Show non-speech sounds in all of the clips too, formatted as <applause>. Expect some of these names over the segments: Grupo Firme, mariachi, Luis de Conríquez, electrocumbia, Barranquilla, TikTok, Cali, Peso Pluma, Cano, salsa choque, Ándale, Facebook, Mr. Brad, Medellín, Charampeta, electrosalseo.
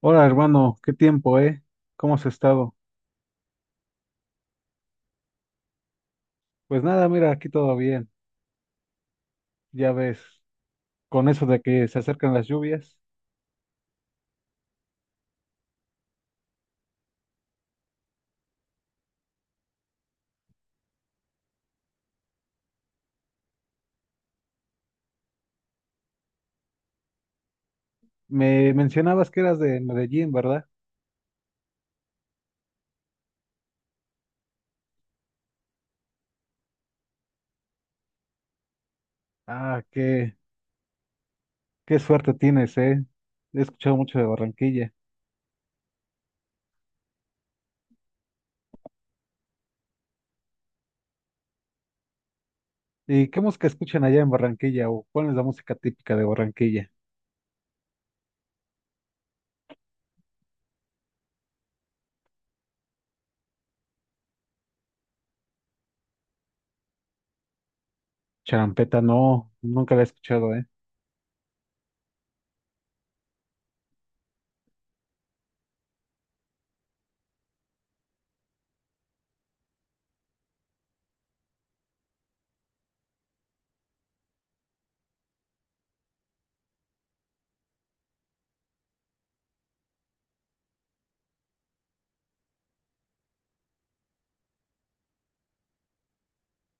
Hola hermano, qué tiempo, ¿eh? ¿Cómo has estado? Pues nada, mira, aquí todo bien, ya ves, con eso de que se acercan las lluvias. Me mencionabas que eras de Medellín, ¿verdad? Ah, qué, qué suerte tienes, ¿eh? He escuchado mucho de Barranquilla. ¿Y qué música escuchan allá en Barranquilla? ¿O cuál es la música típica de Barranquilla? Charampeta, no, nunca la he escuchado, ¿eh?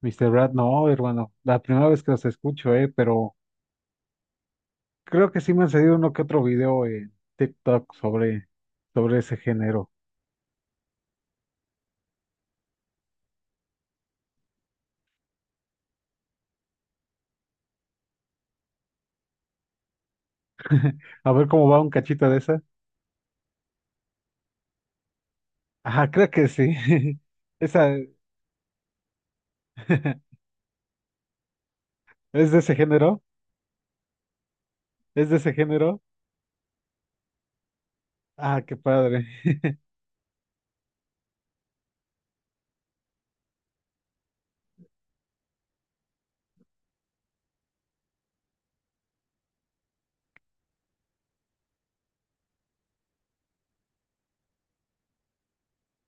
Mr. Brad, no, hermano, la primera vez que los escucho, ¿eh? Pero creo que sí me han salido uno que otro video en TikTok sobre, sobre ese género. <laughs> A ver cómo va un cachito de esa. Ajá, creo que sí. <laughs> Esa <laughs> es de ese género, es de ese género. Ah, qué padre.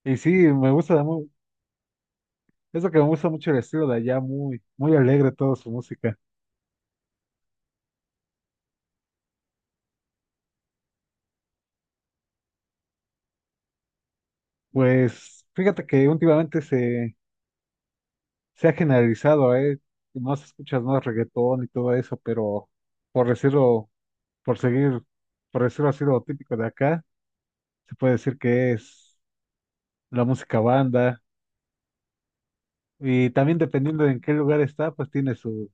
Y sí, es lo que me gusta mucho el estilo de allá, muy, muy alegre toda su música. Pues fíjate se ha generalizado, ¿eh? Más escuchas más reggaetón y todo eso, pero por decirlo, por seguir, por decirlo así lo típico de acá, se puede decir que es la música banda. Y también dependiendo de en qué lugar está, pues tiene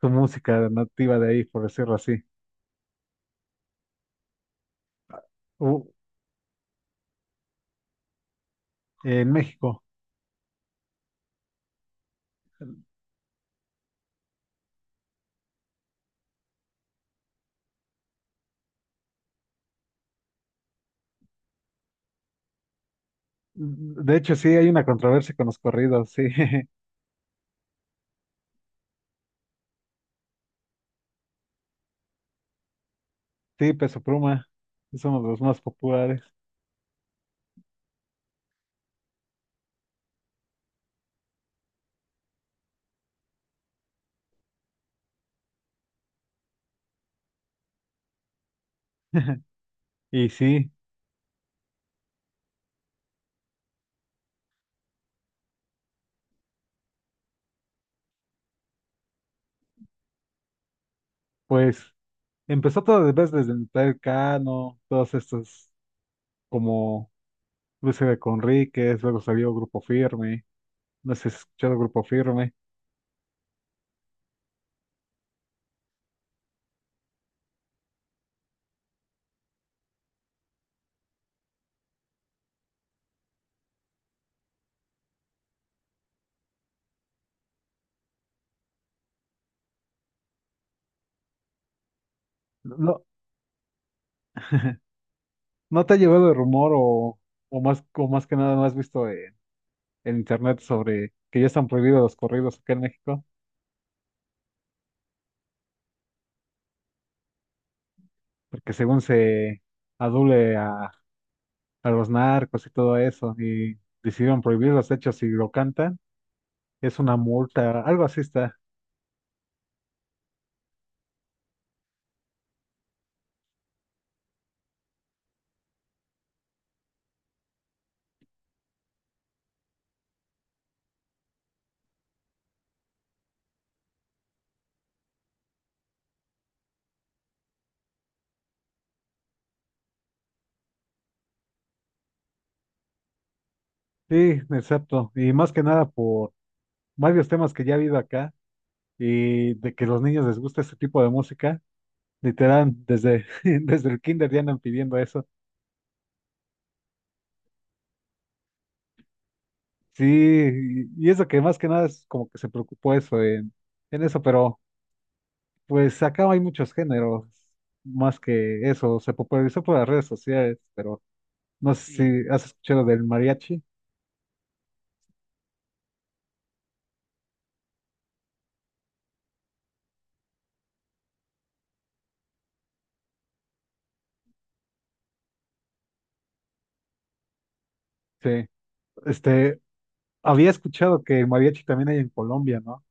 su música nativa de ahí, por decirlo así. U- en México. De hecho, sí, hay una controversia con los corridos, sí. <laughs> Sí, Peso Pluma es uno de los más populares. <laughs> Y sí, pues empezó todo de vez desde el Cano, todos estos como Luis de Conríquez, luego salió Grupo Firme, no sé si has escuchado Grupo Firme. ¿No, no te ha llevado el rumor o más que nada no has visto en internet sobre que ya están prohibidos los corridos acá en México, porque según se adule a, a los narcos y todo eso, y decidieron prohibir los hechos si lo cantan, es una multa, algo así está. Sí, exacto. Y más que nada por varios temas que ya ha habido acá y de que a los niños les gusta este tipo de música, literal, <laughs> desde el kinder ya andan pidiendo eso. Sí, y eso que más que nada es como que se preocupó en eso, pero... Pues acá hay muchos géneros, más que eso, se popularizó por las redes sociales, pero no sé. Sí, si has escuchado del mariachi. Sí, este, había escuchado que el mariachi también hay en Colombia, ¿no?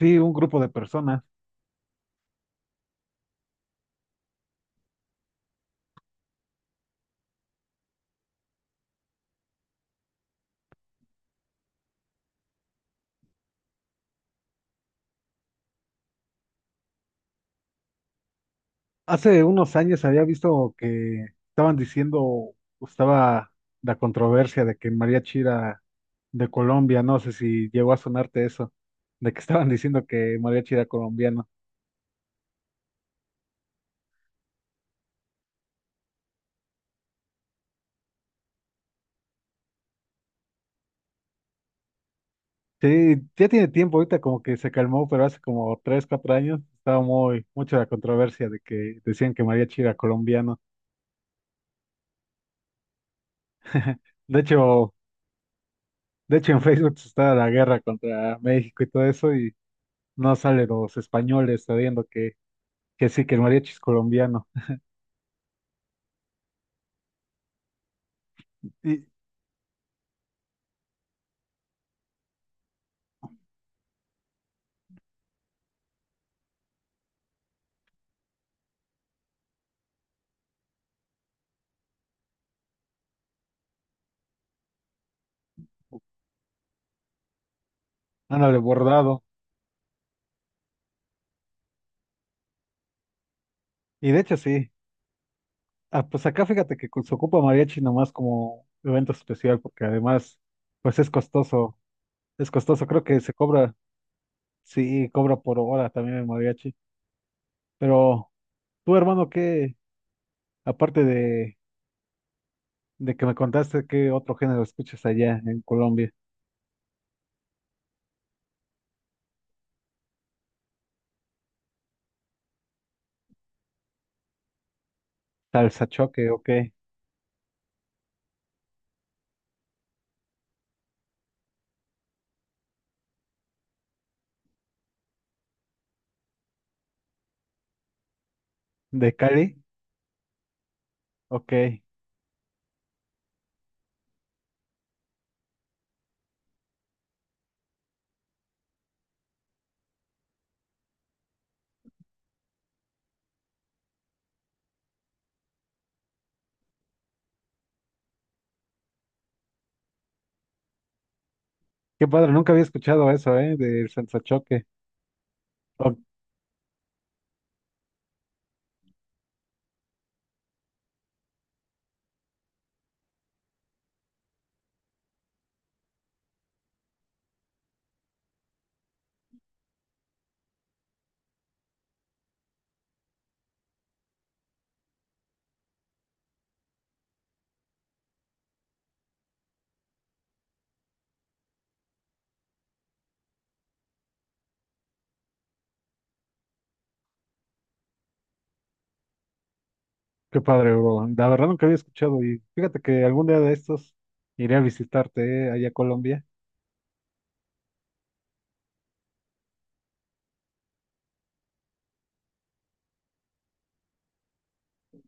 Sí, un grupo de personas. Hace unos años había visto que estaban diciendo, estaba la controversia de que mariachi era de Colombia, no sé si llegó a sonarte eso, de que estaban diciendo que mariachi era colombiano. Sí, ya tiene tiempo, ahorita como que se calmó, pero hace como tres, cuatro años estaba muy, mucha la controversia de que decían que mariachi era colombiano. De hecho, de hecho en Facebook estaba la guerra contra México y todo eso, y no salen los españoles sabiendo que sí, que el mariachi es colombiano. Y, ándale, bordado. Y de hecho sí. Ah, pues acá fíjate que se ocupa mariachi nomás como evento especial, porque además, pues es costoso. Es costoso, creo que se cobra, sí, cobra por hora también el mariachi. Pero tú, hermano, ¿qué, aparte de que me contaste, qué otro género escuchas allá en Colombia? Salsa choque, ok. ¿De Cali? Ok. Qué padre, nunca había escuchado eso, ¿eh? Del salsa choque. Qué padre, bro. La verdad nunca había escuchado y fíjate que algún día de estos iré a visitarte, allá a Colombia,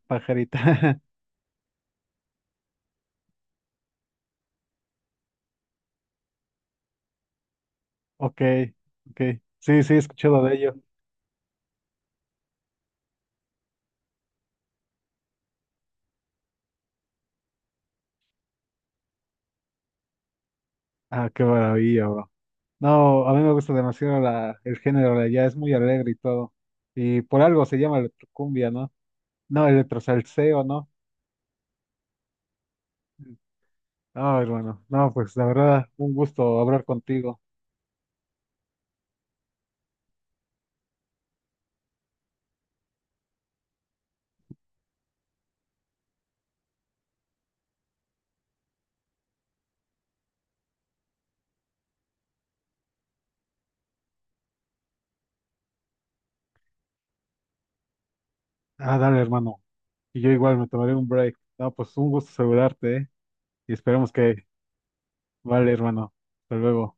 pajarita. <laughs> Ok, ok. Sí, sí, he escuchado de ello. Ah, qué maravilla, bro. No, a mí me gusta demasiado la, el género de allá, es muy alegre y todo. Y por algo se llama electrocumbia, ¿no? No, electrosalseo, ¿no? No, hermano. No, pues la verdad, un gusto hablar contigo. Ah, dale, hermano. Y yo igual me tomaré un break. No, pues un gusto saludarte, ¿eh? Y esperemos que vale, hermano. Hasta luego.